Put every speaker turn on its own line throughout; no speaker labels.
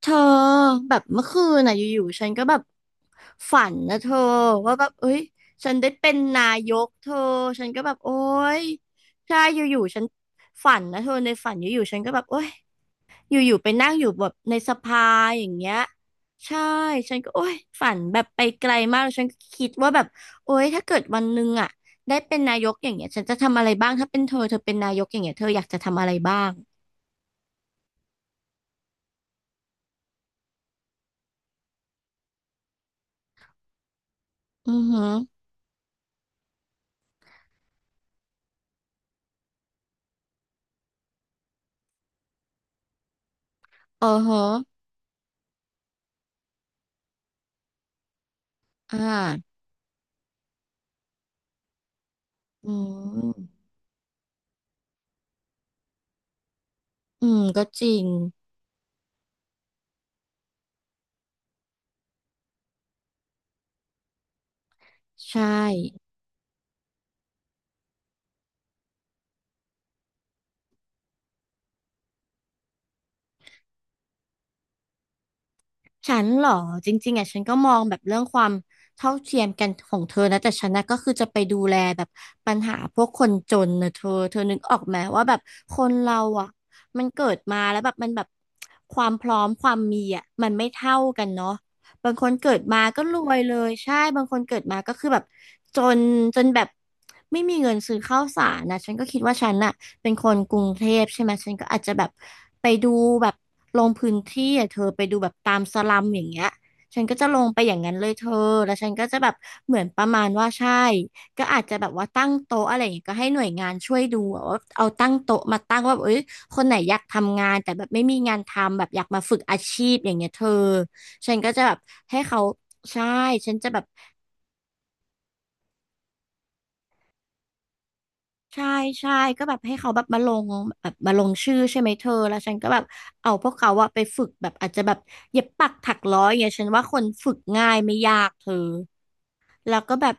เธอแบบเมื่อคืนน่ะอยู่ๆฉันก็แบบฝันนะเธอว่าแบบเอ้ยฉันได้เป็นนายกเธอฉันก็แบบโอ๊ยใช่อยู่ๆฉันฝันนะเธอในฝันอยู่ๆฉันก็แบบโอ๊ยอยู่ๆไปนั่งอยู่แบบในสภาอย่างเงี้ยใช่ฉันก็โอ๊ยฝันแบบไปไกลมากแล้วฉันก็คิดว่าแบบโอ๊ยถ้าเกิดวันหนึงอ่ะได้เป็นนายกอย่างเงี้ยฉันจะทำอะไรบ้างถ้าเป็นเธอเธอเป็นนายกอย่างเงี้ยเธออยากจะทำอะไรบ้างอือหือเออหรออ่าอืม อืมก็จริงใช่ฉันเหรอจริงๆอ่ะฉันก็มองแบบเรื่องความเท่าเทียมกันของเธอนะแต่ฉันนะก็คือจะไปดูแลแบบปัญหาพวกคนจนนะเธอเธอนึกออกไหมว่าแบบคนเราอ่ะมันเกิดมาแล้วแบบมันแบบความพร้อมความมีอ่ะมันไม่เท่ากันเนาะบางคนเกิดมาก็รวยเลยใช่บางคนเกิดมาก็คือแบบจนจนแบบไม่มีเงินซื้อข้าวสารนะฉันก็คิดว่าฉันน่ะ เป็นคนกรุงเทพใช่ไหมฉันก็อาจจะแบบไปดูแบบลงพื้นที่อ่ะเธอไปดูแบบตามสลัมอย่างเงี้ยฉันก็จะลงไปอย่างนั้นเลยเธอแล้วฉันก็จะแบบเหมือนประมาณว่าใช่ก็อาจจะแบบว่าตั้งโต๊ะอะไรอย่างเงี้ยก็ให้หน่วยงานช่วยดูอะว่าเอาตั้งโต๊ะมาตั้งว่าแบบเอ้ยคนไหนอยากทำงานแต่แบบไม่มีงานทำแบบอยากมาฝึกอาชีพอย่างเงี้ยเธอฉันก็จะแบบให้เขาใช่ฉันจะแบบ ใช่ใช่ก็แบบให้เขาแบบมาลงแบบมาลงชื่อใช่ไหมเธอแล้วฉันก็แบบเอาพวกเขาอะไปฝึกแบบอาจจะแบบเย็บปักถักร้อยอย่างเงี้ยฉันว่าคนฝึกง่ายไม่ยากเธอแล้วก็แบบ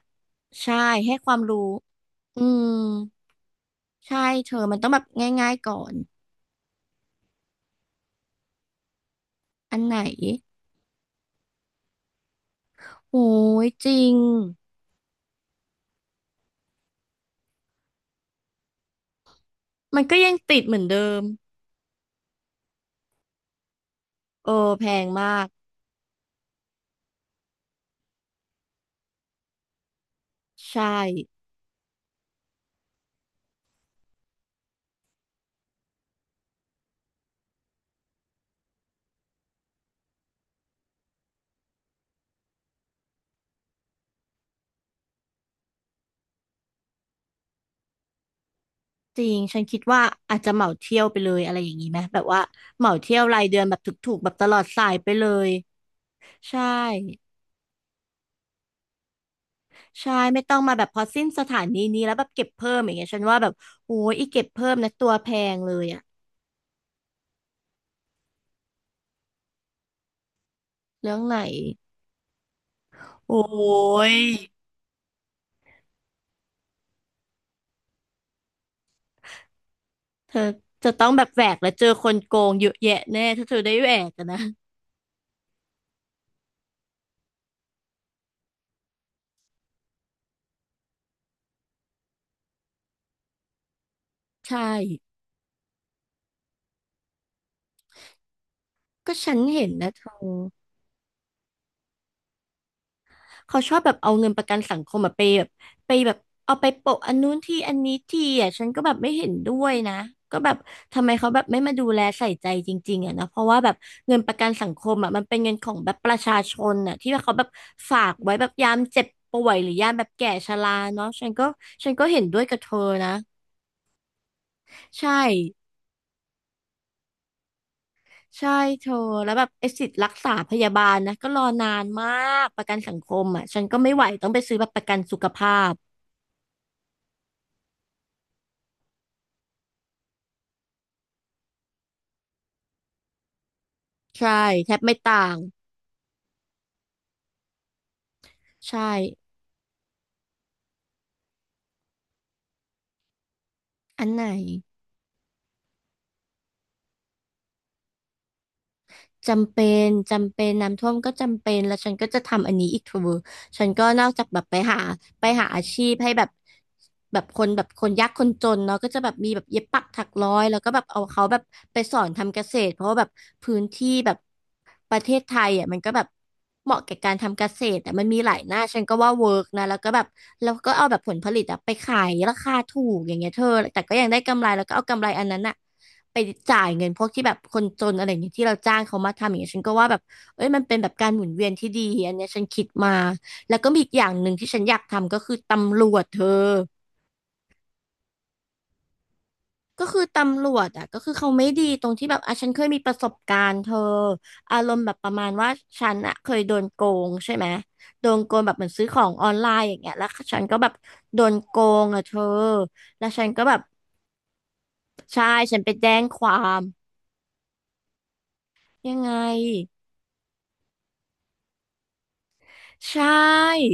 ใช่ให้ความรู้อืมใช่เธอมันต้องแบบง่ายๆก่อนอันไหนโอ้ยจริงมันก็ยังติดเหมือนเดิมเออแพงมากใช่ จริง ฉันคิดว่าอาจจะเหมาเที่ยวไปเลยอะไรอย่างนี้ไหมแบบว่าเหมาเที่ยวรายเดือนแบบถูกๆแบบตลอดสายไปเลยใช่ใช่ไม่ต้องมาแบบพอสิ้นสถานีนี้แล้วแบบเก็บเพิ่มอย่างเงี้ยฉันว่าแบบโอ้ยอีเก็บเพิ่มนะตัวแพงเลยอะเรื่องไหนโอ้ยจะต้องแบบแหวกแล้วเจอคนโกงเยอะแยะแน่ถ้าเธอได้แหวกอะนะใช่ก็ฉันเห็นนะเธอ เขาชอบแบบเอาเงินประกันสังคมแบบไปแบบไปแบบเอาไปโปะอันนู้นที่อันนี้ที่อ่ะฉันก็แบบไม่เห็นด้วยนะก็แบบทำไมเขาแบบไม่มาดูแลใส่ใจจริงๆอ่ะนะเพราะว่าแบบเงินประกันสังคมอ่ะมันเป็นเงินของแบบประชาชนอ่ะที่ว่าเขาแบบฝากไว้แบบยามเจ็บป่วยหรือยามแบบแก่ชราเนาะฉันก็ฉันก็เห็นด้วยกับเธอนะใช่ใช่เธอแล้วแบบไอ้สิทธิ์รักษาพยาบาลนะก็รอนานมากประกันสังคมอ่ะฉันก็ไม่ไหวต้องไปซื้อแบบประกันสุขภาพ ใช่แทบไม่ต่างใช่อันไหนจำเป็นจำเป็นน้ำท่วมก็จำเป็นแล้วฉันก็จะทำอันนี้อีกเธอ ฉันก็นอกจากแบบไปหาไปหาอาชีพให้แบบแบบคนแบบคนยากคนจนเนาะก็จะแบบมีแบบเย็บปักถักร้อยแล้วก็แบบเอาเขาแบบไปสอนทำเกษตรเพราะว่าแบบพื้นที่แบบประเทศไทยอ่ะมันก็แบบเหมาะแก่การทำเกษตรแต่มันมีหลายหน้าฉันก็ว่าเวิร์กนะแล้วก็แบบแล้วก็เอาแบบผลผลิตอะไปขายราคาถูกอย่างเงี้ยเธอแต่ก็ยังได้กำไรแล้วก็เอากำไรอันนั้นอะไปจ่ายเงินพวกที่แบบคนจนอะไรอย่างเงี้ยที่เราจ้างเขามาทำอย่างเงี้ยฉันก็ว่าแบบเอ้ยมันเป็นแบบการหมุนเวียนที่ดีอันเนี้ยฉันคิดมา แล้วก็มีอีกอย่างหนึ่งที่ฉันอยากทำก็คือตำรวจเธอ ก็คือตำรวจอ่ะก็คือเขาไม่ดีตรงที่แบบอ่ะฉันเคยมีประสบการณ์เธออารมณ์แบบประมาณว่าฉันอ่ะเคยโดนโกงใช่ไหมโดนโกงแบบเหมือนซื้อของออนไลน์อย่างเงี้ยแล้วฉันก็แบบโดนโกงอ่ะเธอแล้วฉันก็แบบใช่ฉันไปแจ้งความยังไงใช่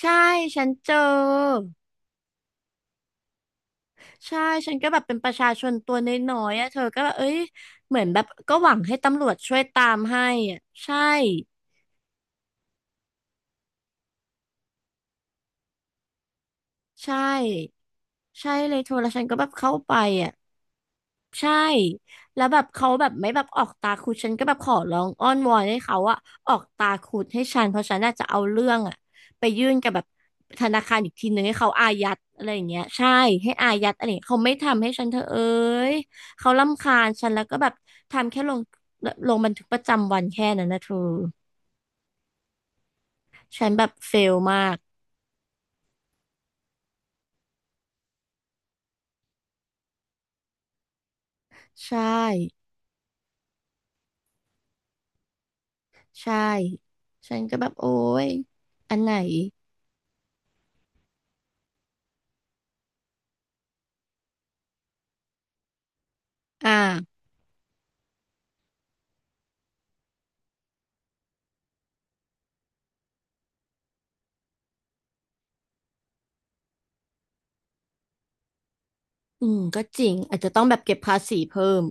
ใช่ฉันเจอ ใช่ ฉันก็แบบเป็นประชาชนตัวน้อยๆอ่ะเธอก็แบบเอ้ยเหมือนแบบก็หวังให้ตำรวจช่วยตามให้อ่ะใช่ ใช่ ใช่เลยเธอแล้วฉันก็แบบเข้าไปอ่ะ ใช่แล้วแบบเขาแบบไม่แบบออกตาคุดฉันก็แบบขอร้องอ้อนวอนให้เขาอะออกตาคุดให้ฉันเพราะฉันน่าจะเอาเรื่องอะไปยื่นกับแบบธนาคารอีกทีหนึ่งให้เขาอายัดอะไรอย่างเงี้ยใช่ให้อายัดอะไรอย่างเงี้ยเขาไม่ทำให้ฉันเธอเอ้ยเขารำคาญฉันแล้วก็แบบทำแค่ลงบันทึกประจำวันแค่นั้นนะเธอฉันแบบเฟลมากใช่ใช่ฉันก็แบบโอ๊ยอันไหนอ่าอืมก็จริงอาจจะต้องแบบเก็บภาษีเพิ่ม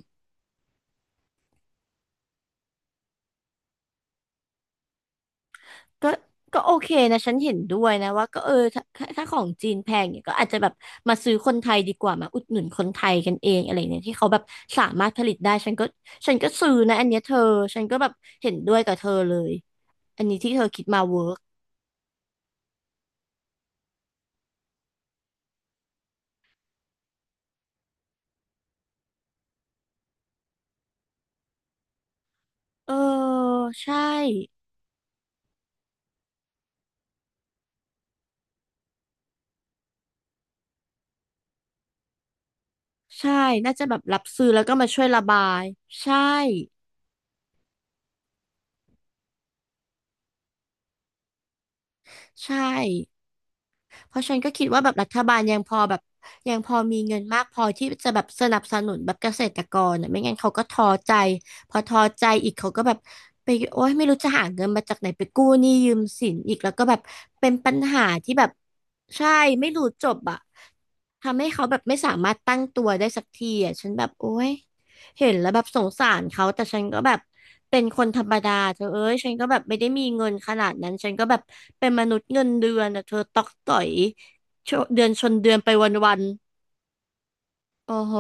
ก็ก็โอเคนะฉันเห็นด้วยนะว่าก็เออถ้าของจีนแพงเนี่ยก็อาจจะแบบมาซื้อคนไทยดีกว่ามาอุดหนุนคนไทยกันเองอะไรเนี่ยที่เขาแบบสามารถผลิตได้ฉันก็ซื้อนะอันเนี้ยเธอฉันก็แบบเห็นด้วยกับเธอเลยอันนี้ที่เธอคิดมาเวิร์กเออใช่ใช่น่าจะแบบรับซื้อแล้วก็มาช่วยระบายใช่ใช่ เพราะฉันก็คิดว่าแบบรัฐบาลยังพอแบบยังพอมีเงินมากพอที่จะแบบสนับสนุนแบบเกษตรกรอ่ะไม่งั้นเขาก็ท้อใจพอท้อใจอีกเขาก็แบบไปโอ๊ยไม่รู้จะหาเงินมาจากไหนไปกู้หนี้ยืมสินอีกแล้วก็แบบเป็นปัญหาที่แบบใช่ไม่รู้จบอ่ะทำให้เขาแบบไม่สามารถตั้งตัวได้สักทีอ่ะฉันแบบโอ๊ย เห็นแล้วแบบสงสารเขาแต่ฉันก็แบบเป็นคนธรรมดาเธอเอ้ยฉันก็แบบไม่ได้มีเงินขนาดนั้นฉันก็แบบเป็นมนุษย์เงินเดือนอะเธอตอกต่อยชเดือนชนเดือนไปวันๆโอ้โห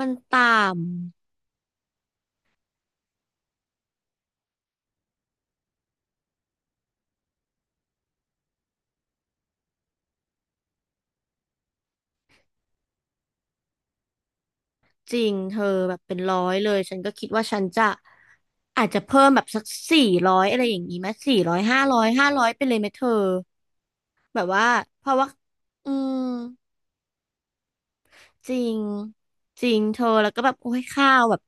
มันต่ำจริงเธอแบบเป็นร้อยเลยฉันก็คิดว่าฉันจะอาจจะเพิ่มแบบสักสี่ร้อยอะไรอย่างนี้ไหมสี่ร้อยห้าร้อยห้าร้อยไปเลยไหมเธอแบบว่าเพราะว่าอืม จริงจริงเธอแล้วก็แบบโอ้ยข้าวแบบ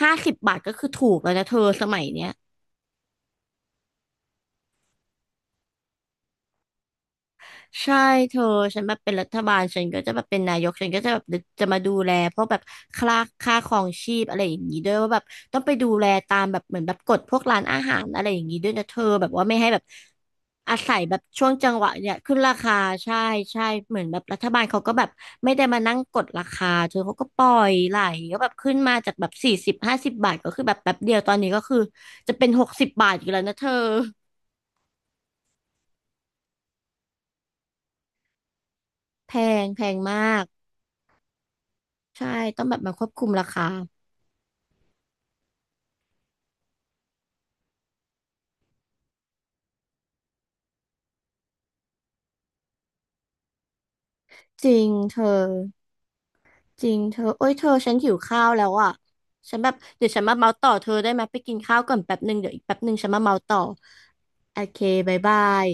ห้าสิบบาทก็คือถูกแล้วนะเธอสมัยเนี้ย ใช่เธอฉันแบบเป็นรัฐบาลฉันก็จะแบบเป็นนายกฉันก็จะแบบจะมาดูแลพวกแบบค่าค่าครองชีพอะไรอย่างนี้ด้วยว่าแบบต้องไปดูแลตามแบบเหมือนแบบกฎพวกร้านอาหารอะไรอย่างนี้ด้วยนะเธอแบบว่าไม่ให้แบบอาศัยแบบช่วงจังหวะเนี่ยขึ้นราคาใช่ใช่เหมือนแบบรัฐบาลเขาก็แบบไม่ได้มานั่งกดราคาเธอเขาก็ปล่อยไหลก็แบบขึ้นมาจากแบบ40ห้าสิบบาทก็คือแบบแป๊บเดียวตอนนี้ก็คือจะเป็น60 บาทอยู่แล้วนะเธอแพแพงมากใช่ต้องแบบมาควบคุมราคา จริงเธอจริงเธอโอ้ยเธอฉันหิวข้าวแล้วอ่ะฉันแบบเดี๋ยวฉันมาเมาต่อเธอได้ไหมไปกินข้าวก่อนแป๊บหนึ่งเดี๋ยวอีกแป๊บหนึ่งฉันมาเมาต่อโอเคบ๊ายบาย